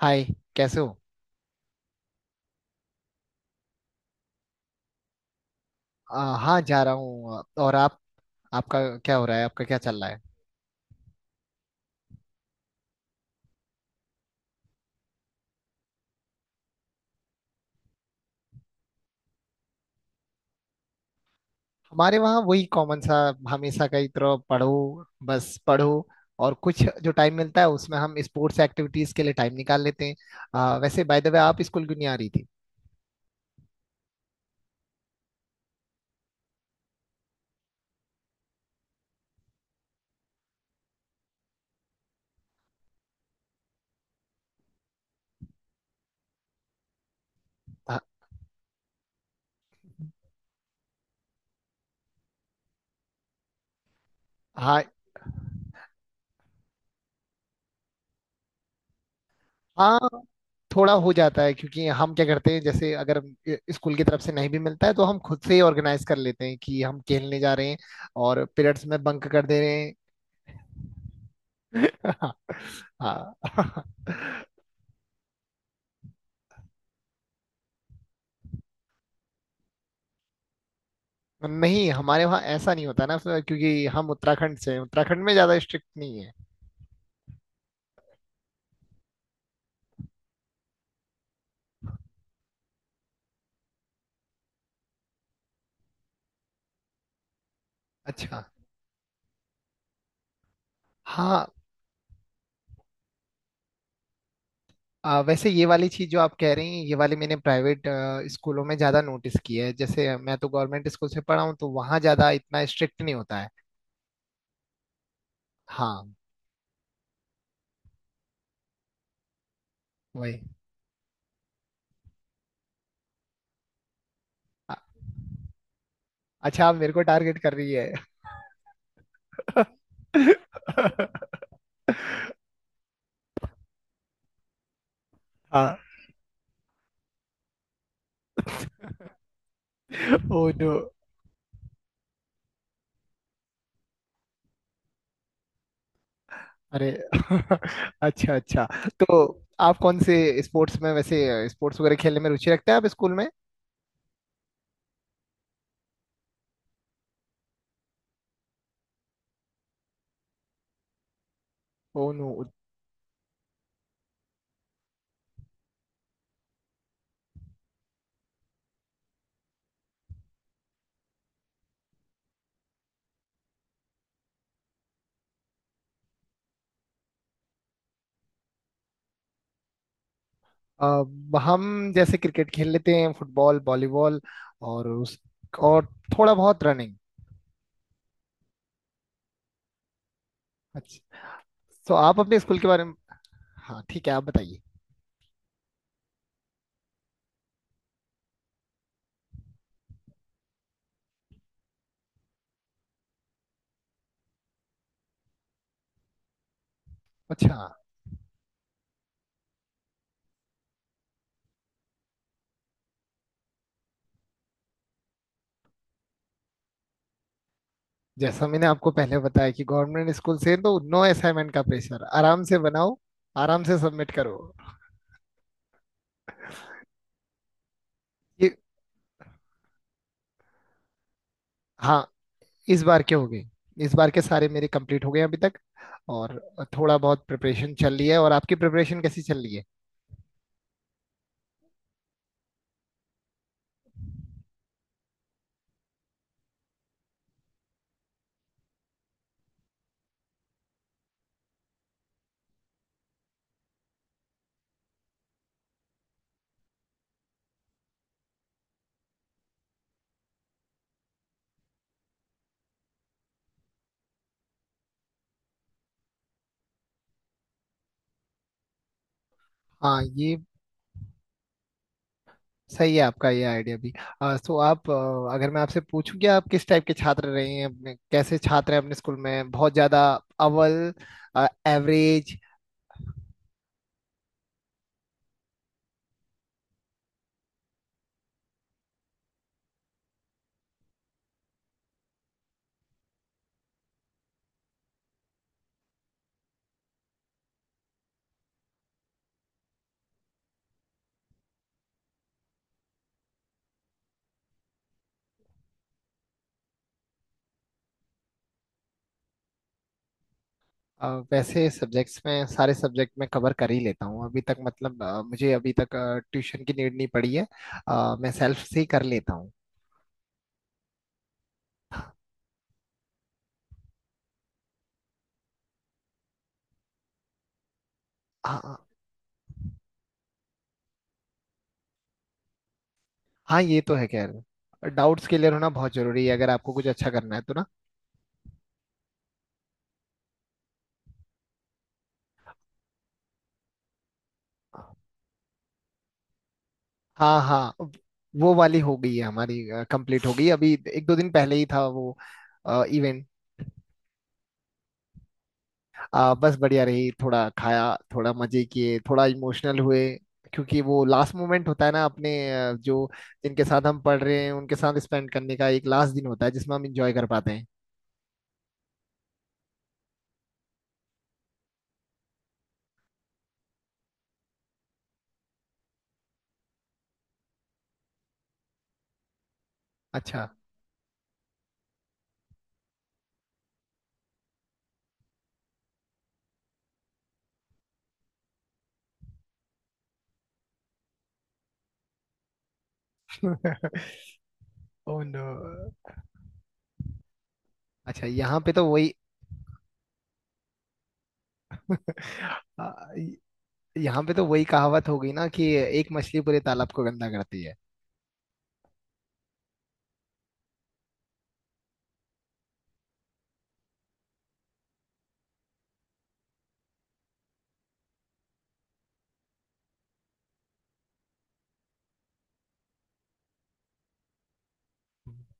हाय। कैसे हो? हाँ, जा रहा हूँ। और आप? आपका क्या हो रहा है? आपका क्या चल रहा है? हमारे वहाँ वही कॉमन सा, हमेशा का ही तरह। पढ़ो, बस पढ़ो। और कुछ जो टाइम मिलता है उसमें हम स्पोर्ट्स एक्टिविटीज के लिए टाइम निकाल लेते हैं। वैसे बाय द वे, आप स्कूल क्यों नहीं आ रही थी? हाँ, हाँ, हाँ, थोड़ा हो जाता है क्योंकि हम क्या करते हैं, जैसे अगर स्कूल की तरफ से नहीं भी मिलता है तो हम खुद से ही ऑर्गेनाइज कर लेते हैं कि हम खेलने जा रहे हैं, और पीरियड्स में बंक कर दे रहे हैं। हाँ, नहीं हमारे वहाँ ऐसा नहीं होता ना, फिर क्योंकि हम उत्तराखंड से हैं। उत्तराखंड में ज्यादा स्ट्रिक्ट नहीं है। अच्छा। हाँ। वैसे ये वाली चीज जो आप कह रही हैं, ये वाली मैंने प्राइवेट स्कूलों में ज्यादा नोटिस की है। जैसे मैं तो गवर्नमेंट स्कूल से पढ़ा हूँ, तो वहाँ ज्यादा इतना स्ट्रिक्ट नहीं होता है। हाँ। वही। अ- अच्छा, आप मेरे को टारगेट कर रही है? हाँ। Oh no. अरे अच्छा, अच्छा। तो आप कौन से स्पोर्ट्स में, वैसे स्पोर्ट्स वगैरह खेलने में रुचि रखते हैं आप स्कूल में? Oh no. अब हम जैसे क्रिकेट खेल लेते हैं, फुटबॉल, वॉलीबॉल, और उस और थोड़ा बहुत रनिंग। अच्छा। तो आप अपने स्कूल के बारे में? हाँ, ठीक है, आप बताइए। अच्छा। जैसा मैंने आपको पहले बताया कि गवर्नमेंट स्कूल से तो नो असाइनमेंट का प्रेशर। आराम से बनाओ, आराम से सबमिट करो। ये। हाँ, इस बार के हो गए। इस बार के सारे मेरे कंप्लीट हो गए अभी तक। और थोड़ा बहुत प्रिपरेशन चल रही है। और आपकी प्रिपरेशन कैसी चल रही है? हाँ, ये सही है आपका ये आइडिया भी। तो आप, अगर मैं आपसे पूछूं कि आप किस टाइप के छात्र रहे हैं अपने, कैसे छात्र हैं अपने स्कूल में? बहुत ज्यादा अव्वल? एवरेज? वैसे सब्जेक्ट्स में, सारे सब्जेक्ट में कवर कर ही लेता हूँ अभी तक। मतलब मुझे अभी तक ट्यूशन की नीड नहीं पड़ी है। मैं सेल्फ से ही कर लेता हूँ। हाँ, हाँ, हाँ, ये तो है खैर। डाउट्स क्लियर होना बहुत जरूरी है अगर आपको कुछ अच्छा करना है तो ना। हाँ, हाँ। अब वो वाली हो गई है हमारी। कंप्लीट हो गई, अभी एक दो दिन पहले ही था वो इवेंट। बस बढ़िया रही। थोड़ा खाया, थोड़ा मजे किए, थोड़ा इमोशनल हुए। क्योंकि वो लास्ट मोमेंट होता है ना अपने, अ, जो जिनके साथ हम पढ़ रहे हैं उनके साथ स्पेंड करने का एक लास्ट दिन होता है जिसमें हम इंजॉय कर पाते हैं। अच्छा। Oh no. अच्छा, Uh, यहाँ पे तो वही कहावत हो गई ना कि एक मछली पूरे तालाब को गंदा करती है।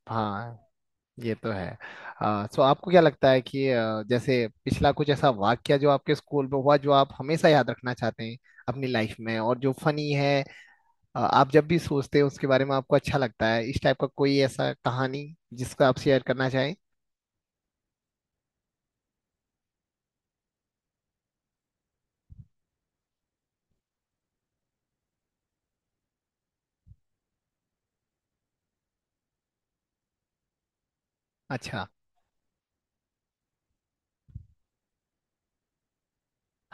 हाँ, ये तो है। सो आपको क्या लगता है कि, जैसे पिछला कुछ ऐसा वाक्या जो आपके स्कूल में हुआ, जो आप हमेशा याद रखना चाहते हैं अपनी लाइफ में और जो फनी है, आप जब भी सोचते हैं उसके बारे में आपको अच्छा लगता है, इस टाइप का कोई ऐसा कहानी जिसको आप शेयर करना चाहें? अच्छा।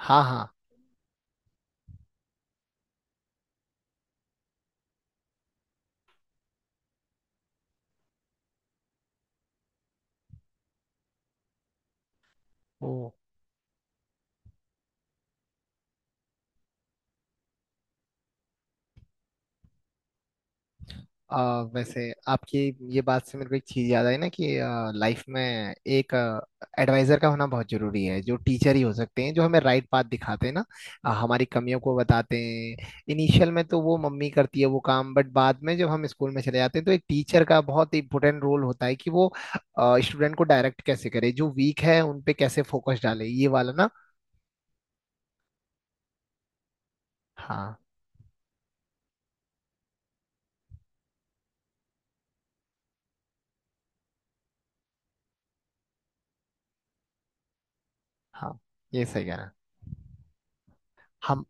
हाँ, हाँ। ओ। अ, वैसे आपकी ये बात से मेरे को एक चीज़ याद आई ना कि लाइफ में एक एडवाइजर का होना बहुत जरूरी है, जो टीचर ही हो सकते हैं, जो हमें राइट पाथ दिखाते हैं ना। हमारी कमियों को बताते हैं। इनिशियल में तो वो मम्मी करती है वो काम, बट बाद में जब हम स्कूल में चले जाते हैं तो एक टीचर का बहुत इंपॉर्टेंट रोल होता है कि वो स्टूडेंट को डायरेक्ट कैसे करे, जो वीक है उन पे कैसे फोकस डाले, ये वाला ना। हाँ, हाँ, ये सही कह रहे हैं हम।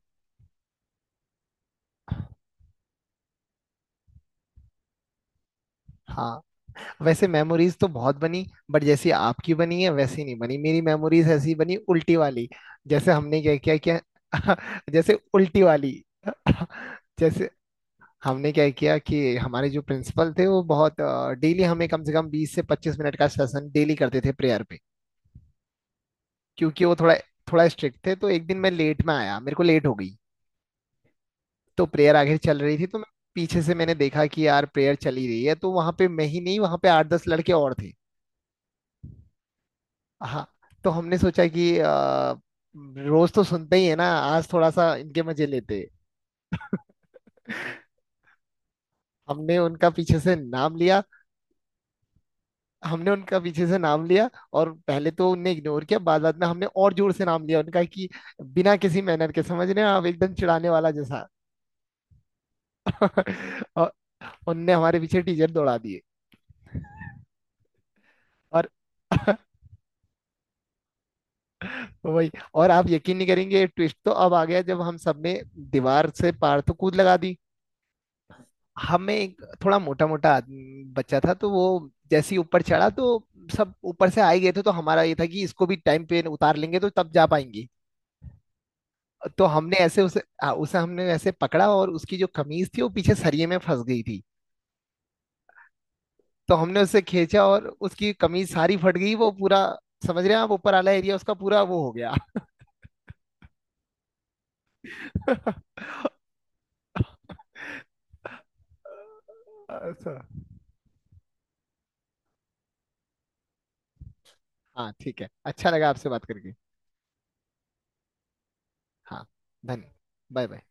हाँ। वैसे मेमोरीज तो बहुत बनी, बट जैसी आपकी बनी है वैसी नहीं बनी। मेरी मेमोरीज ऐसी बनी, उल्टी वाली। जैसे हमने क्या किया कि जैसे, उल्टी वाली। जैसे हमने क्या किया कि हमारे जो प्रिंसिपल थे, वो बहुत डेली हमें कम से कम 20 से 25 मिनट का सेशन डेली करते थे प्रेयर पे। क्योंकि वो थोड़ा थोड़ा स्ट्रिक्ट थे, तो एक दिन मैं लेट में आया, मेरे को लेट हो गई। तो प्रेयर आगे चल रही थी, तो मैं पीछे से मैंने देखा कि यार प्रेयर चली रही है, तो वहां पे मैं ही नहीं, वहां पे आठ दस लड़के और थे। हाँ। तो हमने सोचा कि रोज तो सुनते ही है ना, आज थोड़ा सा इनके मजे लेते हैं। हमने उनका पीछे से नाम लिया। हमने उनका पीछे से नाम लिया। और पहले तो उनने इग्नोर किया, बाद बाद में हमने और जोर से नाम लिया उनका कि, बिना किसी मैनर के, समझ रहे हैं आप, एकदम चिढ़ाने वाला जैसा। और उनने हमारे पीछे टीचर दौड़ा दिए, और वही। और आप यकीन नहीं करेंगे, ट्विस्ट तो अब आ गया जब हम सबने दीवार से पार तो कूद लगा दी। हमें एक थोड़ा मोटा मोटा बच्चा था, तो वो जैसे ही ऊपर चढ़ा तो सब ऊपर से आए गए थे, तो हमारा ये था कि इसको भी टाइम पे उतार लेंगे तो तब जा पाएंगी। तो हमने ऐसे उसे, हाँ, उसे हमने ऐसे पकड़ा, और उसकी जो कमीज थी वो पीछे सरिये में फंस गई थी। तो हमने उसे खींचा और उसकी कमीज सारी फट गई, वो पूरा, समझ रहे हैं आप, ऊपर वाला एरिया उसका पूरा वो हो गया। अच्छा। हाँ, ठीक है, अच्छा लगा आपसे बात करके। हाँ। धन्य। Bye bye.